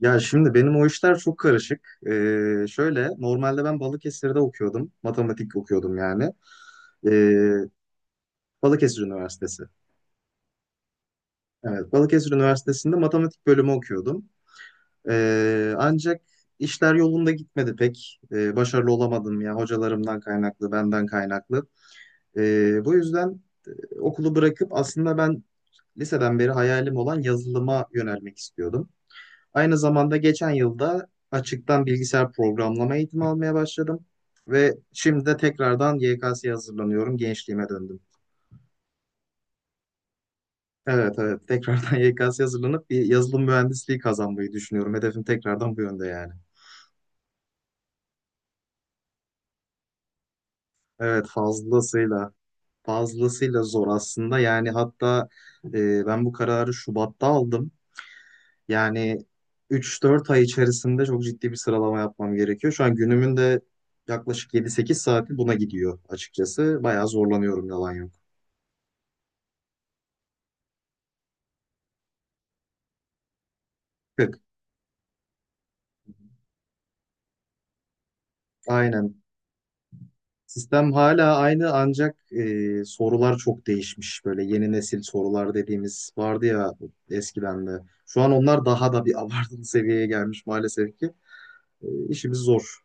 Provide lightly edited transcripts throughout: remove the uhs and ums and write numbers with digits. Ya şimdi benim o işler çok karışık. Şöyle normalde ben Balıkesir'de okuyordum. Matematik okuyordum yani. Ee, Balıkesir Üniversitesi. Evet, Balıkesir Üniversitesi'nde matematik bölümü okuyordum. Ancak işler yolunda gitmedi pek. Başarılı olamadım ya, hocalarımdan kaynaklı, benden kaynaklı. Bu yüzden okulu bırakıp aslında ben liseden beri hayalim olan yazılıma yönelmek istiyordum. Aynı zamanda geçen yılda açıktan bilgisayar programlama eğitimi almaya başladım ve şimdi de tekrardan YKS'ye hazırlanıyorum. Gençliğime döndüm. Evet, evet, tekrardan YKS'ye hazırlanıp bir yazılım mühendisliği kazanmayı düşünüyorum. Hedefim tekrardan bu yönde yani. Evet, fazlasıyla fazlasıyla zor aslında. Yani hatta ben bu kararı Şubat'ta aldım. Yani 3-4 ay içerisinde çok ciddi bir sıralama yapmam gerekiyor. Şu an günümün de yaklaşık 7-8 saati buna gidiyor açıkçası. Bayağı zorlanıyorum, yalan yok. 40. Aynen. Sistem hala aynı, ancak sorular çok değişmiş. Böyle yeni nesil sorular dediğimiz vardı ya eskiden de. Şu an onlar daha da bir abartılı seviyeye gelmiş maalesef ki. İşimiz zor.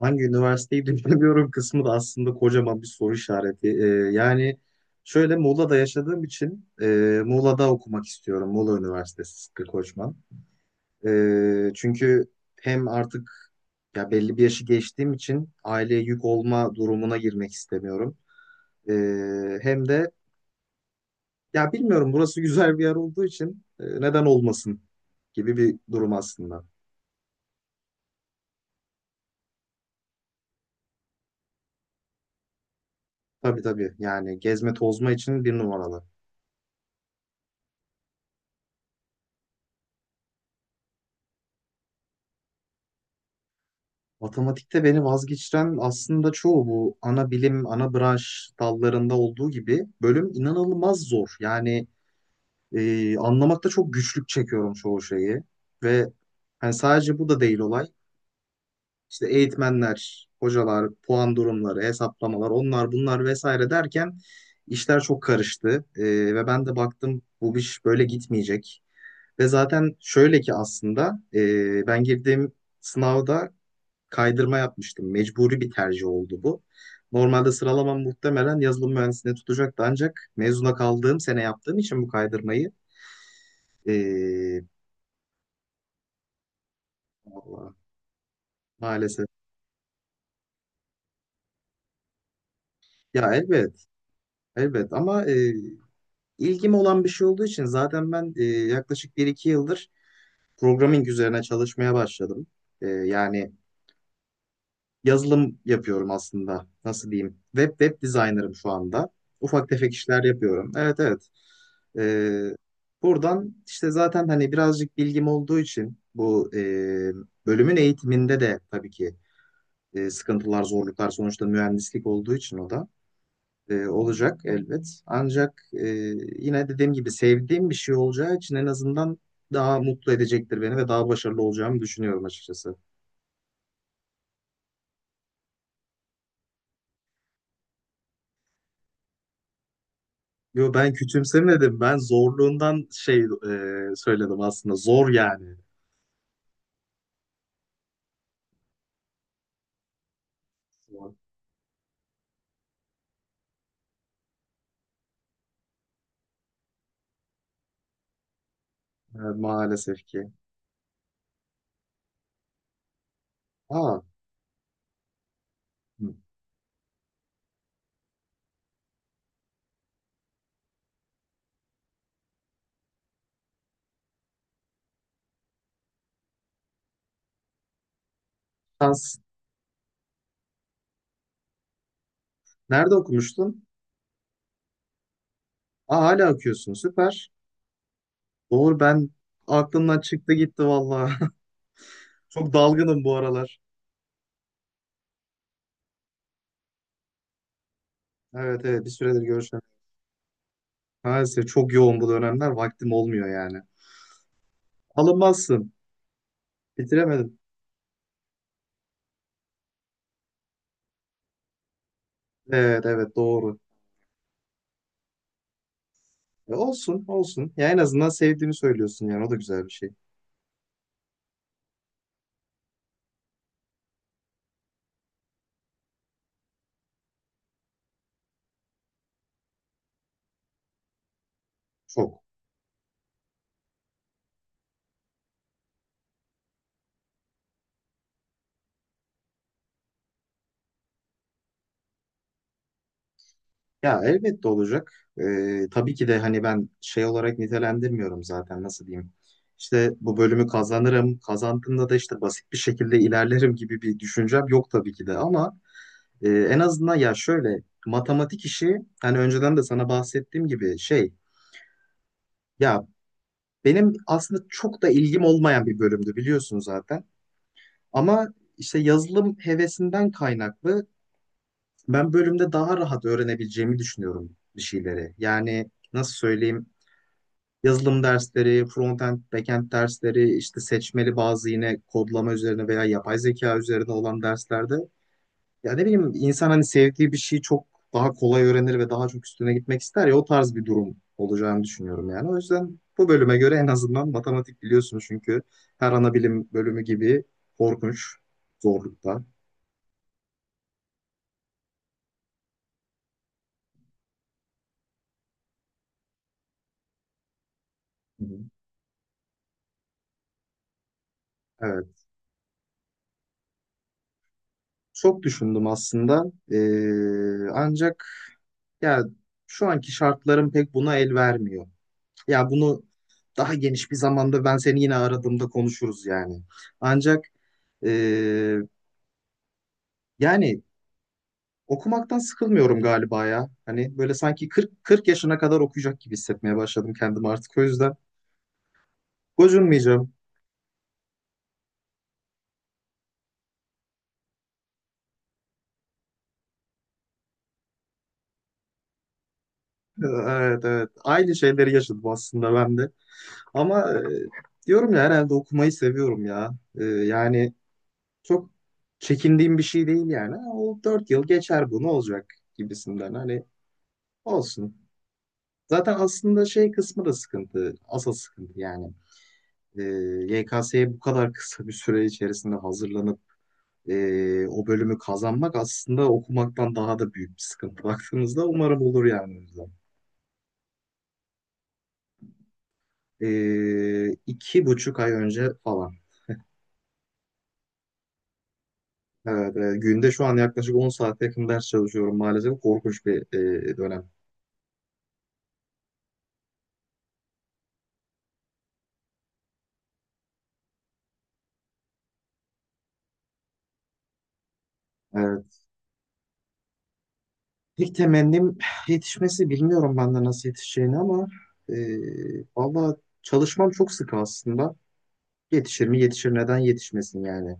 Hangi üniversiteyi düşünemiyorum kısmı da aslında kocaman bir soru işareti. Yani şöyle Muğla'da yaşadığım için Muğla'da okumak istiyorum. Muğla Üniversitesi Sıtkı Koçman. Çünkü hem artık ya belli bir yaşı geçtiğim için aileye yük olma durumuna girmek istemiyorum. Hem de ya bilmiyorum, burası güzel bir yer olduğu için neden olmasın gibi bir durum aslında. Tabii, tabii, yani gezme tozma için bir numaralı. Matematikte beni vazgeçiren aslında çoğu bu ana bilim, ana branş dallarında olduğu gibi, bölüm inanılmaz zor. Yani anlamakta çok güçlük çekiyorum çoğu şeyi. Ve hani sadece bu da değil olay. İşte eğitmenler, hocalar, puan durumları, hesaplamalar, onlar bunlar vesaire derken işler çok karıştı. Ve ben de baktım bu iş böyle gitmeyecek. Ve zaten şöyle ki aslında ben girdiğim sınavda kaydırma yapmıştım. Mecburi bir tercih oldu bu. Normalde sıralamam muhtemelen yazılım mühendisliğine tutacaktı, ancak mezuna kaldığım sene yaptığım için bu kaydırmayı eee, vallahi maalesef. Ya elbet, elbet, ama ilgim olan bir şey olduğu için zaten ben yaklaşık bir iki yıldır programming üzerine çalışmaya başladım. Yani yazılım yapıyorum aslında. Nasıl diyeyim? Web designer'ım şu anda. Ufak tefek işler yapıyorum. Evet, evet. Ee, Buradan işte zaten hani birazcık bilgim olduğu için bu bölümün eğitiminde de tabii ki sıkıntılar, zorluklar, sonuçta mühendislik olduğu için o da olacak elbet. Ancak yine dediğim gibi sevdiğim bir şey olacağı için en azından daha mutlu edecektir beni ve daha başarılı olacağımı düşünüyorum açıkçası. Yo, ben küçümsemedim. Ben zorluğundan şey söyledim aslında. Zor yani. Zor. Evet, maalesef ki. Aa, hı. Şans. Nerede okumuştun? Aa, hala okuyorsun. Süper. Doğru, ben aklımdan çıktı gitti valla. Çok dalgınım bu aralar. Evet, evet, bir süredir görüşemiyorum. Maalesef çok yoğun bu dönemler. Vaktim olmuyor yani. Alınmazsın. Bitiremedim. Evet, evet, doğru. Olsun, olsun. Ya en azından sevdiğini söylüyorsun yani, o da güzel bir şey. Çok. Ya elbette olacak. Tabii ki de hani ben şey olarak nitelendirmiyorum zaten, nasıl diyeyim. İşte bu bölümü kazanırım, kazandığımda da işte basit bir şekilde ilerlerim gibi bir düşüncem yok tabii ki de, ama en azından ya şöyle matematik işi hani önceden de sana bahsettiğim gibi şey, ya benim aslında çok da ilgim olmayan bir bölümdü biliyorsun zaten, ama işte yazılım hevesinden kaynaklı ben bölümde daha rahat öğrenebileceğimi düşünüyorum bir şeyleri. Yani nasıl söyleyeyim, yazılım dersleri, frontend, backend dersleri, işte seçmeli bazı yine kodlama üzerine veya yapay zeka üzerine olan derslerde ya ne bileyim insan hani sevdiği bir şeyi çok daha kolay öğrenir ve daha çok üstüne gitmek ister ya, o tarz bir durum olacağını düşünüyorum yani. O yüzden bu bölüme göre en azından matematik biliyorsunuz çünkü, her ana bilim bölümü gibi korkunç zorlukta. Hı hı. Evet. Çok düşündüm aslında. Ancak ya şu anki şartlarım pek buna el vermiyor. Ya bunu daha geniş bir zamanda ben seni yine aradığımda konuşuruz yani. Ancak eee, yani okumaktan sıkılmıyorum galiba ya. Hani böyle sanki 40 yaşına kadar okuyacak gibi hissetmeye başladım kendimi artık. O yüzden gocunmayacağım. Evet, evet. Aynı şeyleri yaşadım aslında ben de. Ama diyorum ya herhalde okumayı seviyorum ya. Yani çok çekindiğim bir şey değil yani. O 4 yıl geçer, bu ne olacak gibisinden. Hani olsun. Zaten aslında şey kısmı da sıkıntı. Asıl sıkıntı yani. Ee, YKS'ye bu kadar kısa bir süre içerisinde hazırlanıp o bölümü kazanmak aslında okumaktan daha da büyük bir sıkıntı. Baktığımızda umarım olur yani. O yüzden. 2,5 ay önce falan. Evet, günde şu an yaklaşık 10 saate yakın ders çalışıyorum maalesef. Korkunç bir dönem. Evet. İlk temennim yetişmesi, bilmiyorum ben de nasıl yetişeceğini, ama e, valla çalışmam çok sık aslında. Yetişir mi? Yetişir. Neden yetişmesin yani?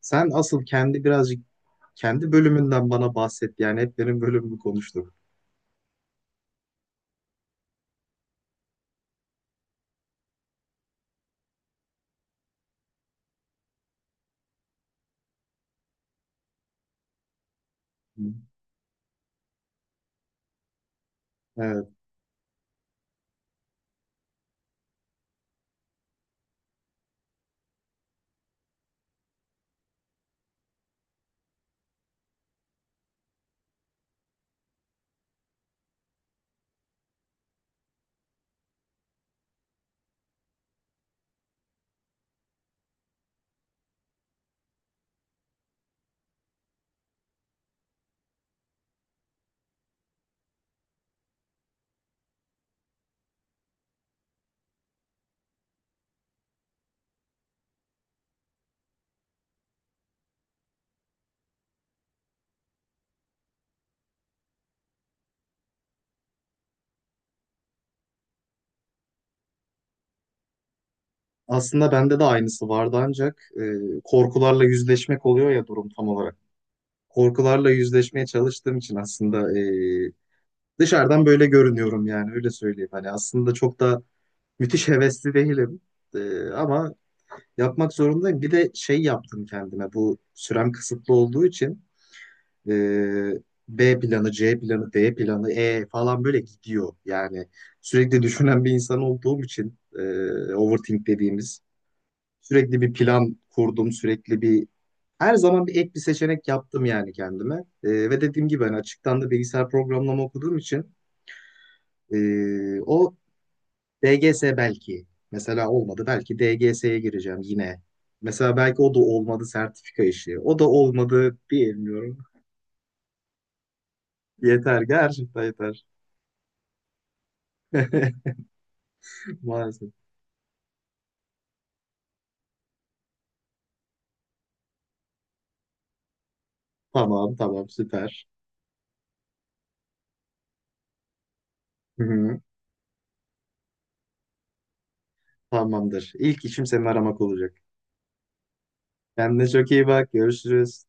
Sen asıl kendi birazcık kendi bölümünden bana bahset. Yani hep benim bölümümü konuştuk. Hı. Evet. Aslında bende de aynısı vardı, ancak korkularla yüzleşmek oluyor ya durum tam olarak. Korkularla yüzleşmeye çalıştığım için aslında dışarıdan böyle görünüyorum yani, öyle söyleyeyim. Hani aslında çok da müthiş hevesli değilim. Ama yapmak zorundayım. Bir de şey yaptım kendime, bu sürem kısıtlı olduğu için. Ee, B planı, C planı, D planı, E falan böyle gidiyor. Yani sürekli düşünen bir insan olduğum için overthink dediğimiz, sürekli bir plan kurdum, sürekli bir her zaman bir ek bir seçenek yaptım yani kendime. Ve dediğim gibi ben açıktan da bilgisayar programlama okuduğum için o DGS belki mesela olmadı. Belki DGS'ye gireceğim yine. Mesela belki o da olmadı sertifika işi. O da olmadı, bilmiyorum. Yeter, gerçekten yeter. Maalesef. Tamam, tamam, süper. Hı hı, tamamdır. İlk işim seni aramak olacak. Kendine çok iyi bak. Görüşürüz.